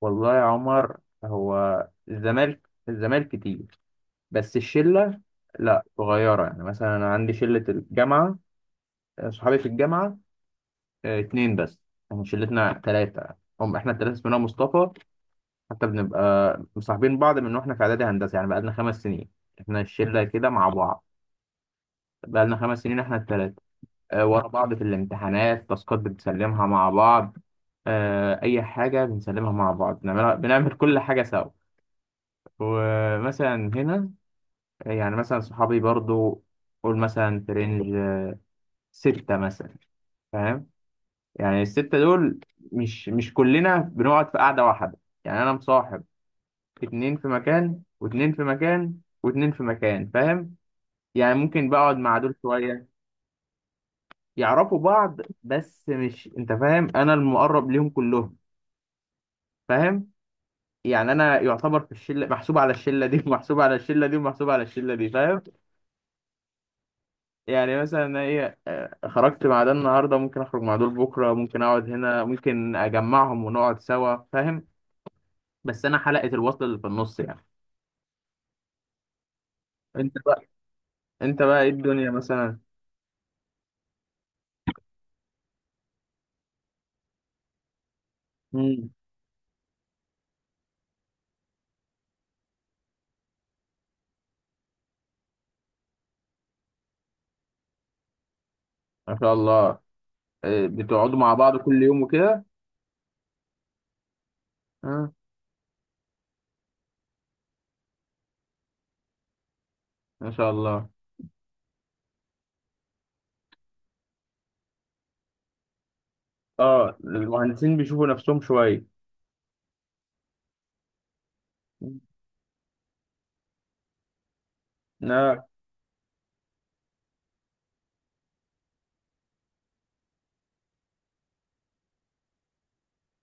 والله يا عمر، هو الزمالك كتير، بس الشلة لا، صغيرة. يعني مثلا أنا عندي شلة الجامعة. صحابي في الجامعة اتنين بس. احنا شلتنا تلاتة. هم احنا التلاتة اسمنا مصطفى، حتى بنبقى مصاحبين بعض من واحنا في إعدادي هندسة، يعني بقالنا 5 سنين احنا الشلة كده مع بعض. بقالنا 5 سنين احنا التلاتة. ورا بعض في الامتحانات، تاسكات بنسلمها مع بعض، أي حاجة بنسلمها مع بعض، بنعملها، بنعمل كل حاجة سوا. ومثلا هنا، يعني مثلا صحابي برضو، قول مثلا في رينج ستة مثلا، فاهم؟ يعني الستة دول مش كلنا بنقعد في قعدة واحدة. يعني أنا مصاحب اتنين في مكان، واتنين في مكان، واتنين في مكان، فاهم؟ يعني ممكن بقعد مع دول شوية. يعرفوا بعض، بس مش، أنت فاهم، أنا المقرب ليهم كلهم، فاهم؟ يعني أنا يعتبر في الشلة محسوب على الشلة دي ومحسوب على الشلة دي ومحسوب على الشلة دي، فاهم؟ يعني مثلا أنا ايه، خرجت مع ده النهارده، ممكن اخرج مع دول بكره، ممكن اقعد هنا، ممكن اجمعهم ونقعد سوا، فاهم؟ بس انا حلقه الوصل اللي في النص يعني. انت بقى انت بقى ايه الدنيا مثلا؟ مم. ما شاء الله. بتقعدوا مع بعض كل يوم وكده؟ اه، ما شاء الله. اه، المهندسين بيشوفوا نفسهم شويه. اه.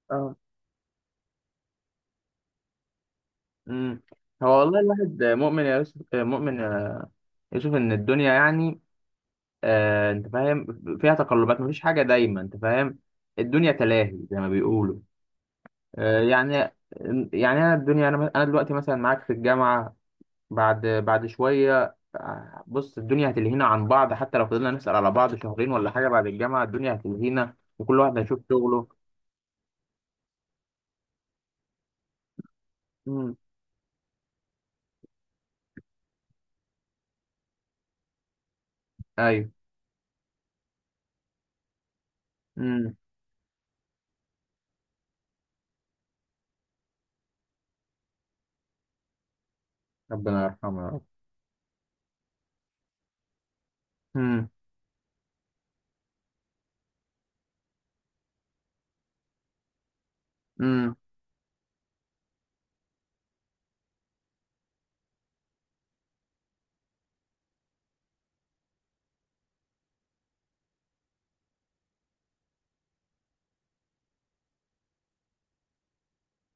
اه. امم. هو والله الواحد مؤمن يا يوسف ان الدنيا يعني، انت فاهم، فيها تقلبات، مفيش حاجه دايما، انت فاهم. الدنيا تلاهي زي ما بيقولوا. آه يعني يعني انا، الدنيا انا انا دلوقتي مثلا معاك في الجامعه، بعد شويه، بص الدنيا هتلهينا عن بعض، حتى لو فضلنا نسال على بعض شهرين ولا حاجه، بعد الجامعه الدنيا هتلهينا وكل واحد هيشوف شغله. امم. ايوه. امم. ربنا يرحمه يا رب. امم. امم.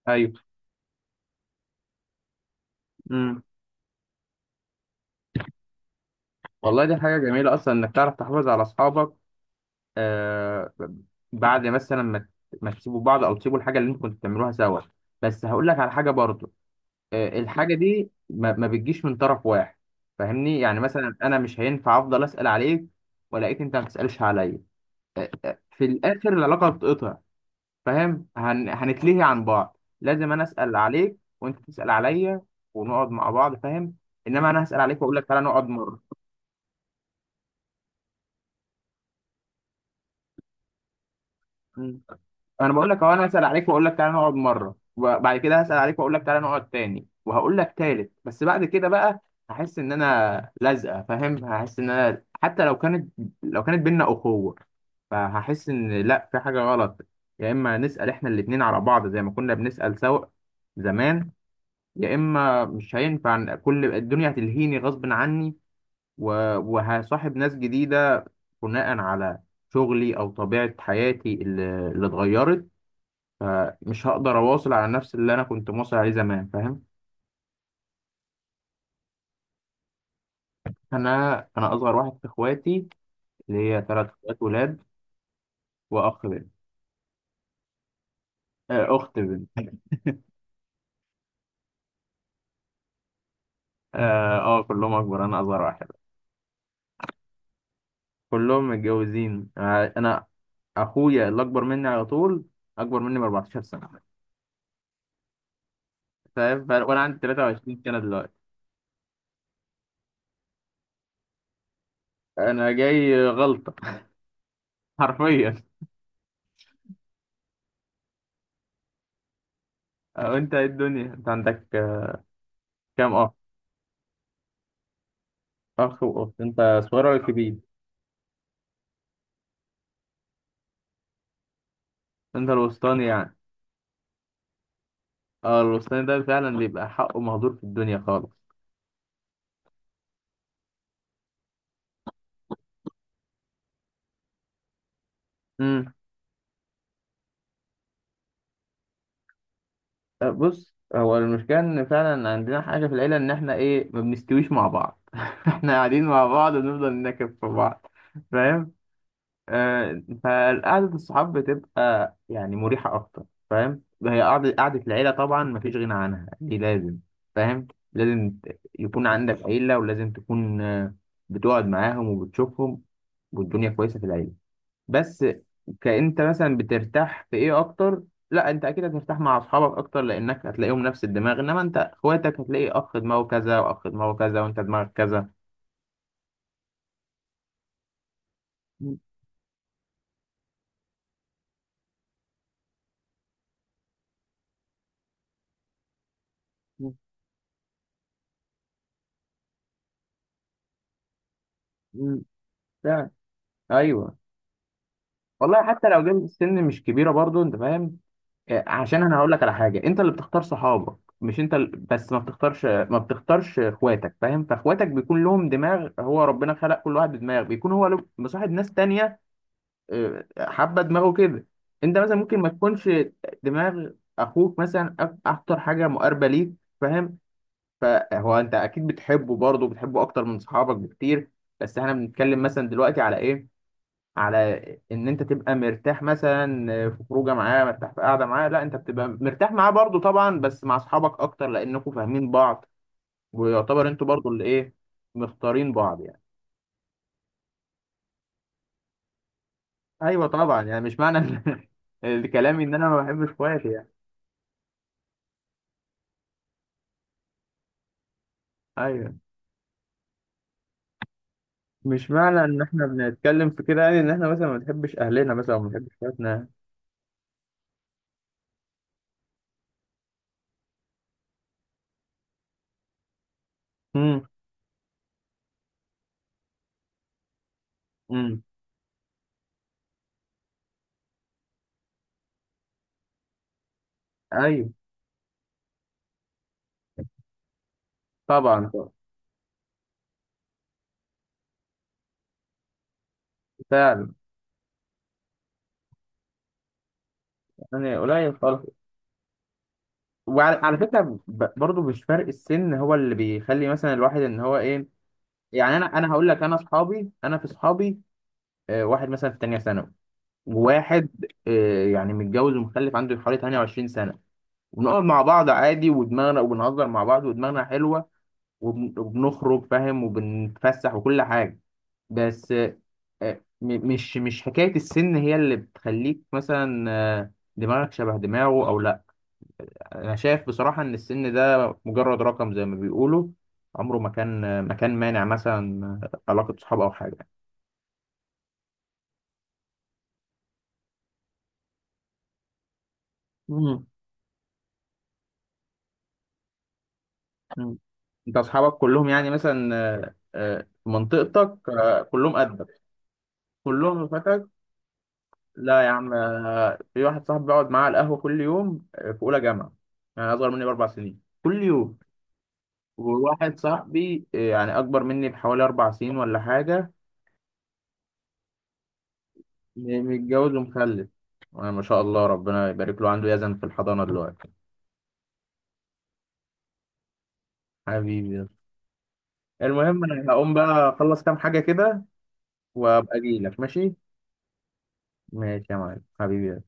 ايوه. امم. والله دي حاجه جميله اصلا، انك تعرف تحافظ على اصحابك آه بعد مثلا ما، ما تسيبوا بعض، او تسيبوا الحاجه اللي انتوا كنتوا بتعملوها سوا. بس هقول لك على حاجه برضو، الحاجه دي ما بتجيش من طرف واحد، فاهمني؟ يعني مثلا انا مش هينفع افضل اسال عليك والاقيك انت ما بتسالش عليا. في الاخر العلاقه بتتقطع، فاهم؟ هنتلهي عن بعض. لازم انا اسال عليك وانت تسال عليا، ونقعد مع بعض، فاهم؟ انما انا هسال عليك واقول لك تعالى نقعد مره. انا بقول لك اهو، انا هسال عليك واقول لك تعالى نقعد مره، وبعد كده هسال عليك واقول لك تعالى نقعد تاني، وهقول لك تالت، بس بعد كده بقى هحس ان انا لازقه، فاهم؟ هحس ان انا حتى لو كانت، لو كانت بينا اخوه، فهحس ان لا، في حاجه غلط. يا اما نسال احنا الاتنين على بعض زي ما كنا بنسال سوا زمان، يا اما مش هينفع. إن كل الدنيا هتلهيني غصب عني، وهصاحب ناس جديده بناء على شغلي او طبيعه حياتي اللي اتغيرت، فمش هقدر اواصل على نفس اللي انا كنت مواصل عليه زمان، فاهم؟ انا اصغر واحد في اخواتي، اللي هي ثلاث اخوات ولاد واخ بنت. اخت بنت. كلهم اكبر، انا اصغر واحد. كلهم متجوزين. انا اخويا اللي اكبر مني على طول، اكبر مني ب 14 سنه، فاهم؟ وانا عندي 23 سنه دلوقتي. انا جاي غلطه حرفيا. انت إيه الدنيا، انت عندك كام اخ؟ اخ واخت، انت صغير ولا كبير؟ انت الوسطاني يعني؟ اه، الوسطاني ده فعلا بيبقى حقه مهدور في الدنيا خالص. امم. بص هو المشكلة، ان فعلا عندنا حاجة في العيلة، ان احنا ايه، ما بنستويش مع بعض احنا قاعدين مع بعض ونفضل ننكب في بعض، فاهم؟ فقعدة الصحاب بتبقى يعني مريحة اكتر، فاهم؟ هي قعدة، قعدة العيلة طبعا مفيش غنى عنها، دي لازم، فاهم؟ لازم يكون عندك عيلة، ولازم تكون بتقعد معاهم وبتشوفهم، والدنيا كويسة في العيلة. بس كأنت مثلا بترتاح في ايه اكتر؟ لا، انت اكيد هترتاح مع اصحابك اكتر لانك هتلاقيهم نفس الدماغ، انما انت اخواتك هتلاقي اخ دماغه كذا واخ دماغه كذا وانت دماغك كذا. مم. مم. مم. فعلا. ايوه. والله حتى لو جنب السن مش كبيره برضو، انت فاهم؟ عشان انا هقول لك على حاجه، انت اللي بتختار صحابك، مش انت بس ما بتختارش، ما بتختارش اخواتك، فاهم؟ فاخواتك بيكون لهم دماغ، هو ربنا خلق كل واحد بدماغ، بيكون هو مصاحب ناس تانية، حابه دماغه كده. انت مثلا ممكن ما تكونش دماغ اخوك مثلا، اكتر حاجه مقاربه ليك، فاهم؟ فهو انت اكيد بتحبه، برضه بتحبه اكتر من صحابك بكتير، بس احنا بنتكلم مثلا دلوقتي على ايه، على ان انت تبقى مرتاح مثلا في خروجه معاه، مرتاح في قاعده معاه. لا، انت بتبقى مرتاح معاه برضه طبعا، بس مع اصحابك اكتر لانكم فاهمين بعض، ويعتبر انتوا برضه اللي ايه، مختارين بعض يعني. ايوه طبعا، يعني مش معنى الكلام ان انا ما بحبش اخواتي يعني. ايوه، مش معنى ان احنا بنتكلم في كده، يعني ان احنا مثلا ما بنحبش اهلنا مثلا وما بنحبش اخواتنا. امم. امم. ايوه طبعا. فعلا، يعني قليل خالص. وعلى، على فكره، برضو مش فرق السن هو اللي بيخلي مثلا الواحد ان هو ايه، يعني انا هقول لك، انا اصحابي، انا في اصحابي واحد مثلا في تانية ثانوي، وواحد يعني متجوز ومخلف، عنده حوالي 28 سنه، وبنقعد مع بعض عادي ودماغنا، وبنهزر مع بعض ودماغنا حلوه، وبنخرج، فاهم، وبنتفسح وكل حاجه. بس مش حكاية السن هي اللي بتخليك مثلا دماغك شبه دماغه أو لأ. أنا شايف بصراحة إن السن ده مجرد رقم زي ما بيقولوا، عمره ما كان، ما كان مانع مثلا علاقة صحاب أو حاجة. مم. مم. أنت أصحابك كلهم يعني مثلا، في منطقتك، كلهم قدك؟ كلهم رفقاتك؟ لا يا عم، في واحد صاحبي بقعد معاه على القهوة كل يوم، في أولى جامعة، يعني أصغر مني بـ4 سنين، كل يوم. وواحد صاحبي يعني أكبر مني بحوالي 4 سنين ولا حاجة، متجوز ومخلف. ما شاء الله ربنا يبارك له، عنده يزن في الحضانة دلوقتي. حبيبي، المهم أنا هقوم بقى أخلص كام حاجة كده وأبقى أجيلك، ماشي؟ ماشي يا معلم، حبيبي.